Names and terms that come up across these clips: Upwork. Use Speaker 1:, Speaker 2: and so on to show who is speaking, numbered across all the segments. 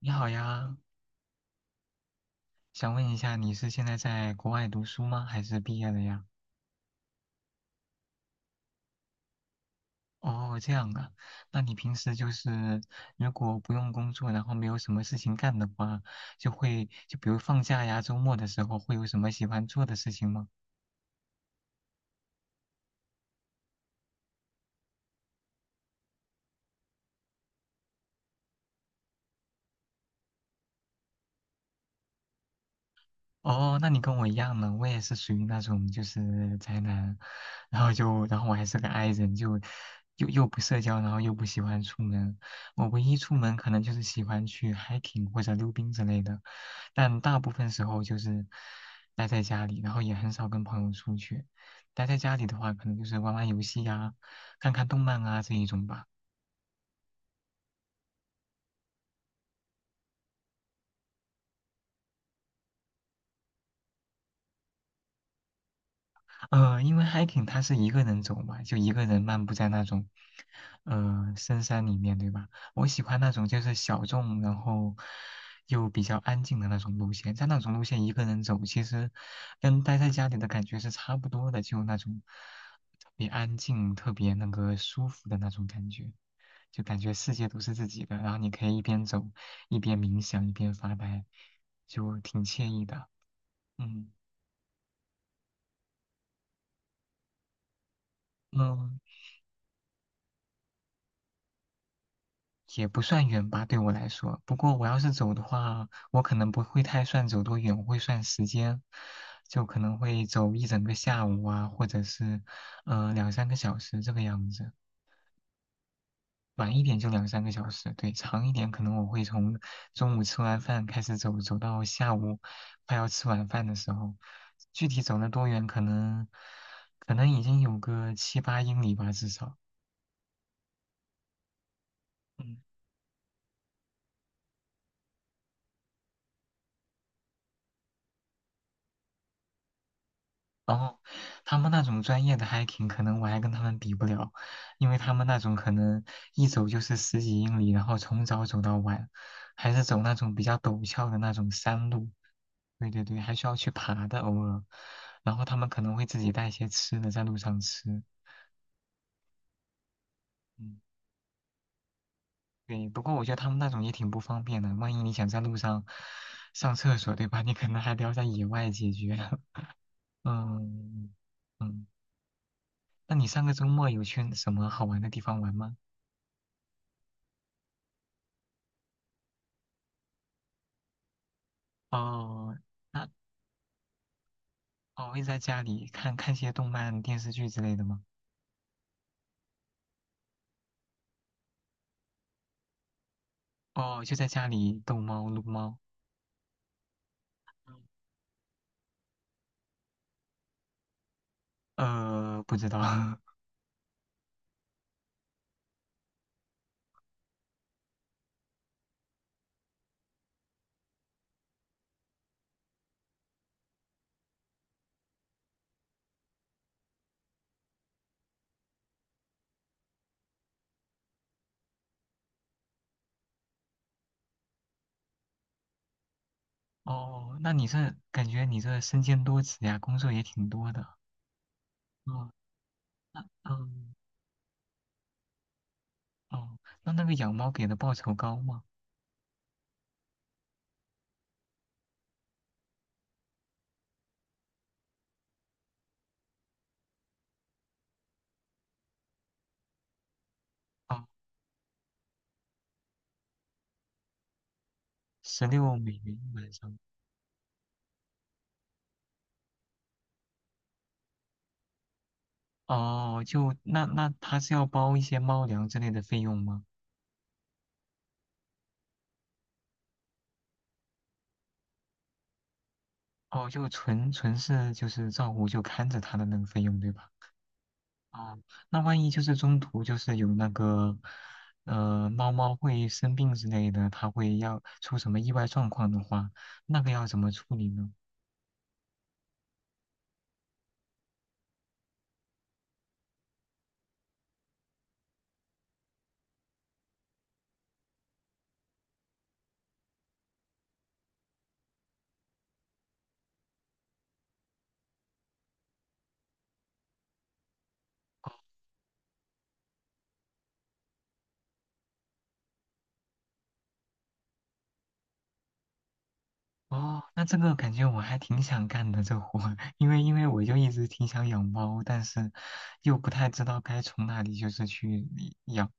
Speaker 1: 你好呀，想问一下，你是现在在国外读书吗？还是毕业了呀？哦，这样啊，那你平时就是如果不用工作，然后没有什么事情干的话，就会就比如放假呀、周末的时候，会有什么喜欢做的事情吗？哦，那你跟我一样呢，我也是属于那种就是宅男，然后就然后我还是个 i 人，就又不社交，然后又不喜欢出门。我唯一出门可能就是喜欢去 hiking 或者溜冰之类的，但大部分时候就是待在家里，然后也很少跟朋友出去。待在家里的话，可能就是玩玩游戏呀、看看动漫啊这一种吧。因为 hiking 它是一个人走嘛，就一个人漫步在那种，深山里面，对吧？我喜欢那种就是小众，然后又比较安静的那种路线。在那种路线一个人走，其实跟待在家里的感觉是差不多的，就那种特别安静、特别那个舒服的那种感觉，就感觉世界都是自己的，然后你可以一边走一边冥想，一边发呆，就挺惬意的。嗯嗯，也不算远吧，对我来说。不过我要是走的话，我可能不会太算走多远，我会算时间，就可能会走一整个下午啊，或者是两三个小时这个样子。晚一点就两三个小时，对，长一点可能我会从中午吃完饭开始走，走到下午快要吃晚饭的时候。具体走了多远，可能已经有个7、8英里吧，至少。嗯。然后，他们那种专业的 hiking，可能我还跟他们比不了，因为他们那种可能一走就是10几英里，然后从早走到晚，还是走那种比较陡峭的那种山路。对对对，还需要去爬的，偶尔。然后他们可能会自己带一些吃的在路上吃。嗯，对。不过我觉得他们那种也挺不方便的，万一你想在路上上厕所，对吧？你可能还得要在野外解决。嗯嗯，那你上个周末有去什么好玩的地方玩吗？哦，那哦会在家里看看些动漫、电视剧之类的吗？哦，就在家里逗猫、撸猫。不知道。哦，那你这感觉你这身兼多职呀，工作也挺多的。哦，嗯，哦，那那个养猫给的报酬高吗？哦，16美元一晚上。哦，就那那他是要包一些猫粮之类的费用吗？哦，就纯纯是就是照顾就看着他的那个费用对吧？哦，那万一就是中途就是有那个，猫猫会生病之类的，它会要出什么意外状况的话，那个要怎么处理呢？哦，那这个感觉我还挺想干的这活儿因为我就一直挺想养猫，但是又不太知道该从哪里就是去养，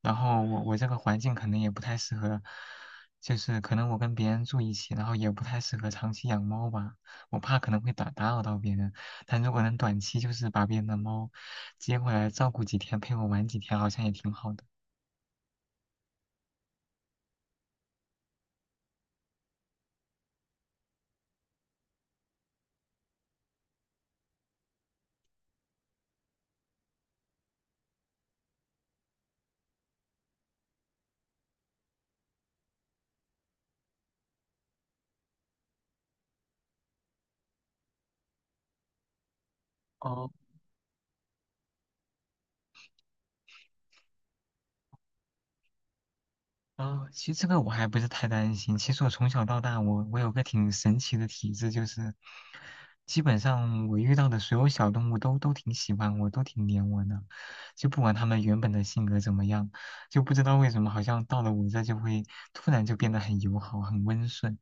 Speaker 1: 然后我这个环境可能也不太适合，就是可能我跟别人住一起，然后也不太适合长期养猫吧，我怕可能会打扰到别人，但如果能短期就是把别人的猫接回来照顾几天，陪我玩几天，好像也挺好的。哦。啊，其实这个我还不是太担心。其实我从小到大，我有个挺神奇的体质，就是基本上我遇到的所有小动物都挺喜欢我，都挺黏我的，就不管它们原本的性格怎么样，就不知道为什么好像到了我这就会突然就变得很友好，很温顺。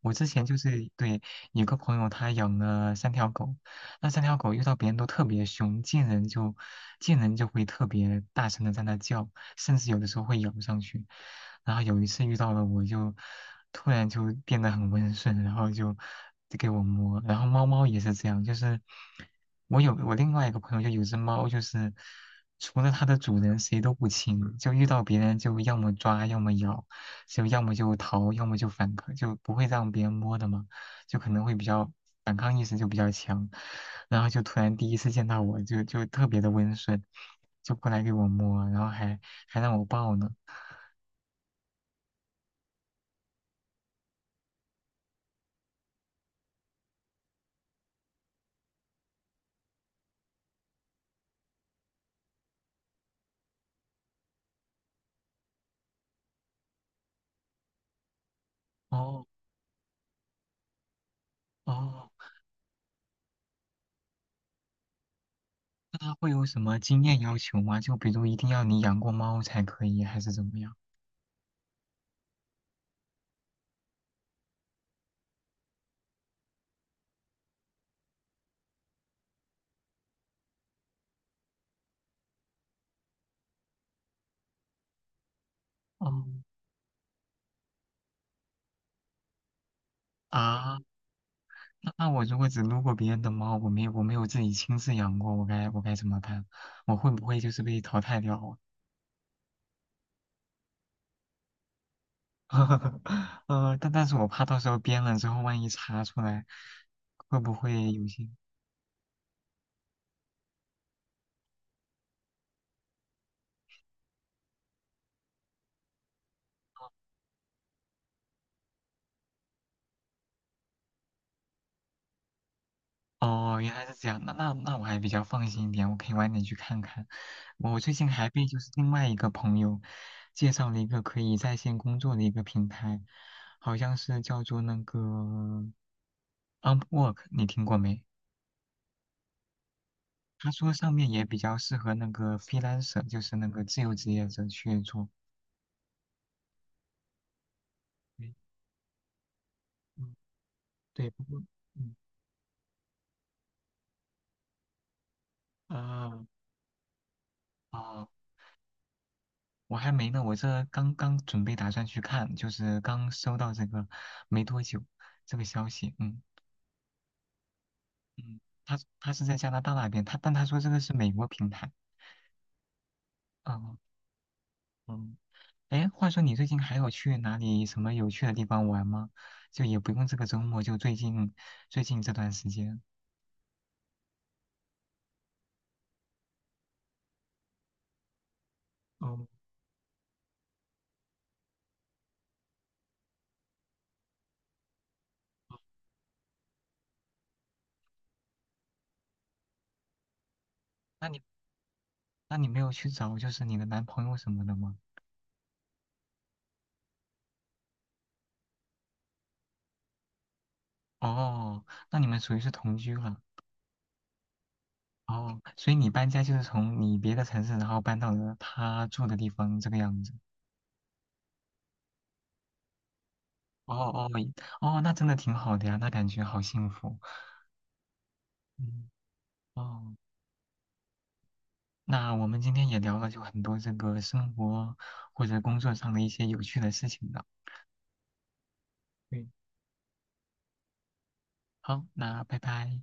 Speaker 1: 我之前就是对有个朋友，他养了三条狗，那三条狗遇到别人都特别凶，见人就会特别大声的在那叫。甚至有的时候会咬上去。然后有一次遇到了，我就突然就变得很温顺，然后就给我摸。然后猫猫也是这样，就是我另外一个朋友就有只猫，就是除了它的主人谁都不亲，就遇到别人就要么抓，要么咬，就要么就逃，要么就反抗，就不会让别人摸的嘛，就可能会比较反抗意识就比较强。然后就突然第一次见到我就特别的温顺，就过来给我摸，然后还让我报呢。哦哦，那他会有什么经验要求吗？就比如一定要你养过猫才可以，还是怎么样？哦啊，那那我如果只撸过别人的猫，我没有自己亲自养过，我该怎么办？我会不会就是被淘汰掉啊？但但是我怕到时候编了之后，万一查出来，会不会有些？哦，原来是这样，那那那我还比较放心一点，我可以晚点去看看。我最近还被就是另外一个朋友介绍了一个可以在线工作的一个平台，好像是叫做那个 Upwork，你听过没？他说上面也比较适合那个 freelancer，就是那个自由职业者去做。对嗯，对，不过嗯啊啊，我还没呢，我这刚刚准备打算去看，就是刚收到这个没多久这个消息，嗯嗯，他他是在加拿大那边，他但他说这个是美国平台，嗯嗯，哎，话说你最近还有去哪里什么有趣的地方玩吗？就也不用这个周末，就最近这段时间，哦，那你那你没有去找就是你的男朋友什么的吗？哦，那你们属于是同居了。哦，所以你搬家就是从你别的城市，然后搬到了他住的地方这个样子。哦哦哦，那真的挺好的呀，那感觉好幸福。嗯，哦，那我们今天也聊了就很多这个生活或者工作上的一些有趣的事情了。对，好，那拜拜。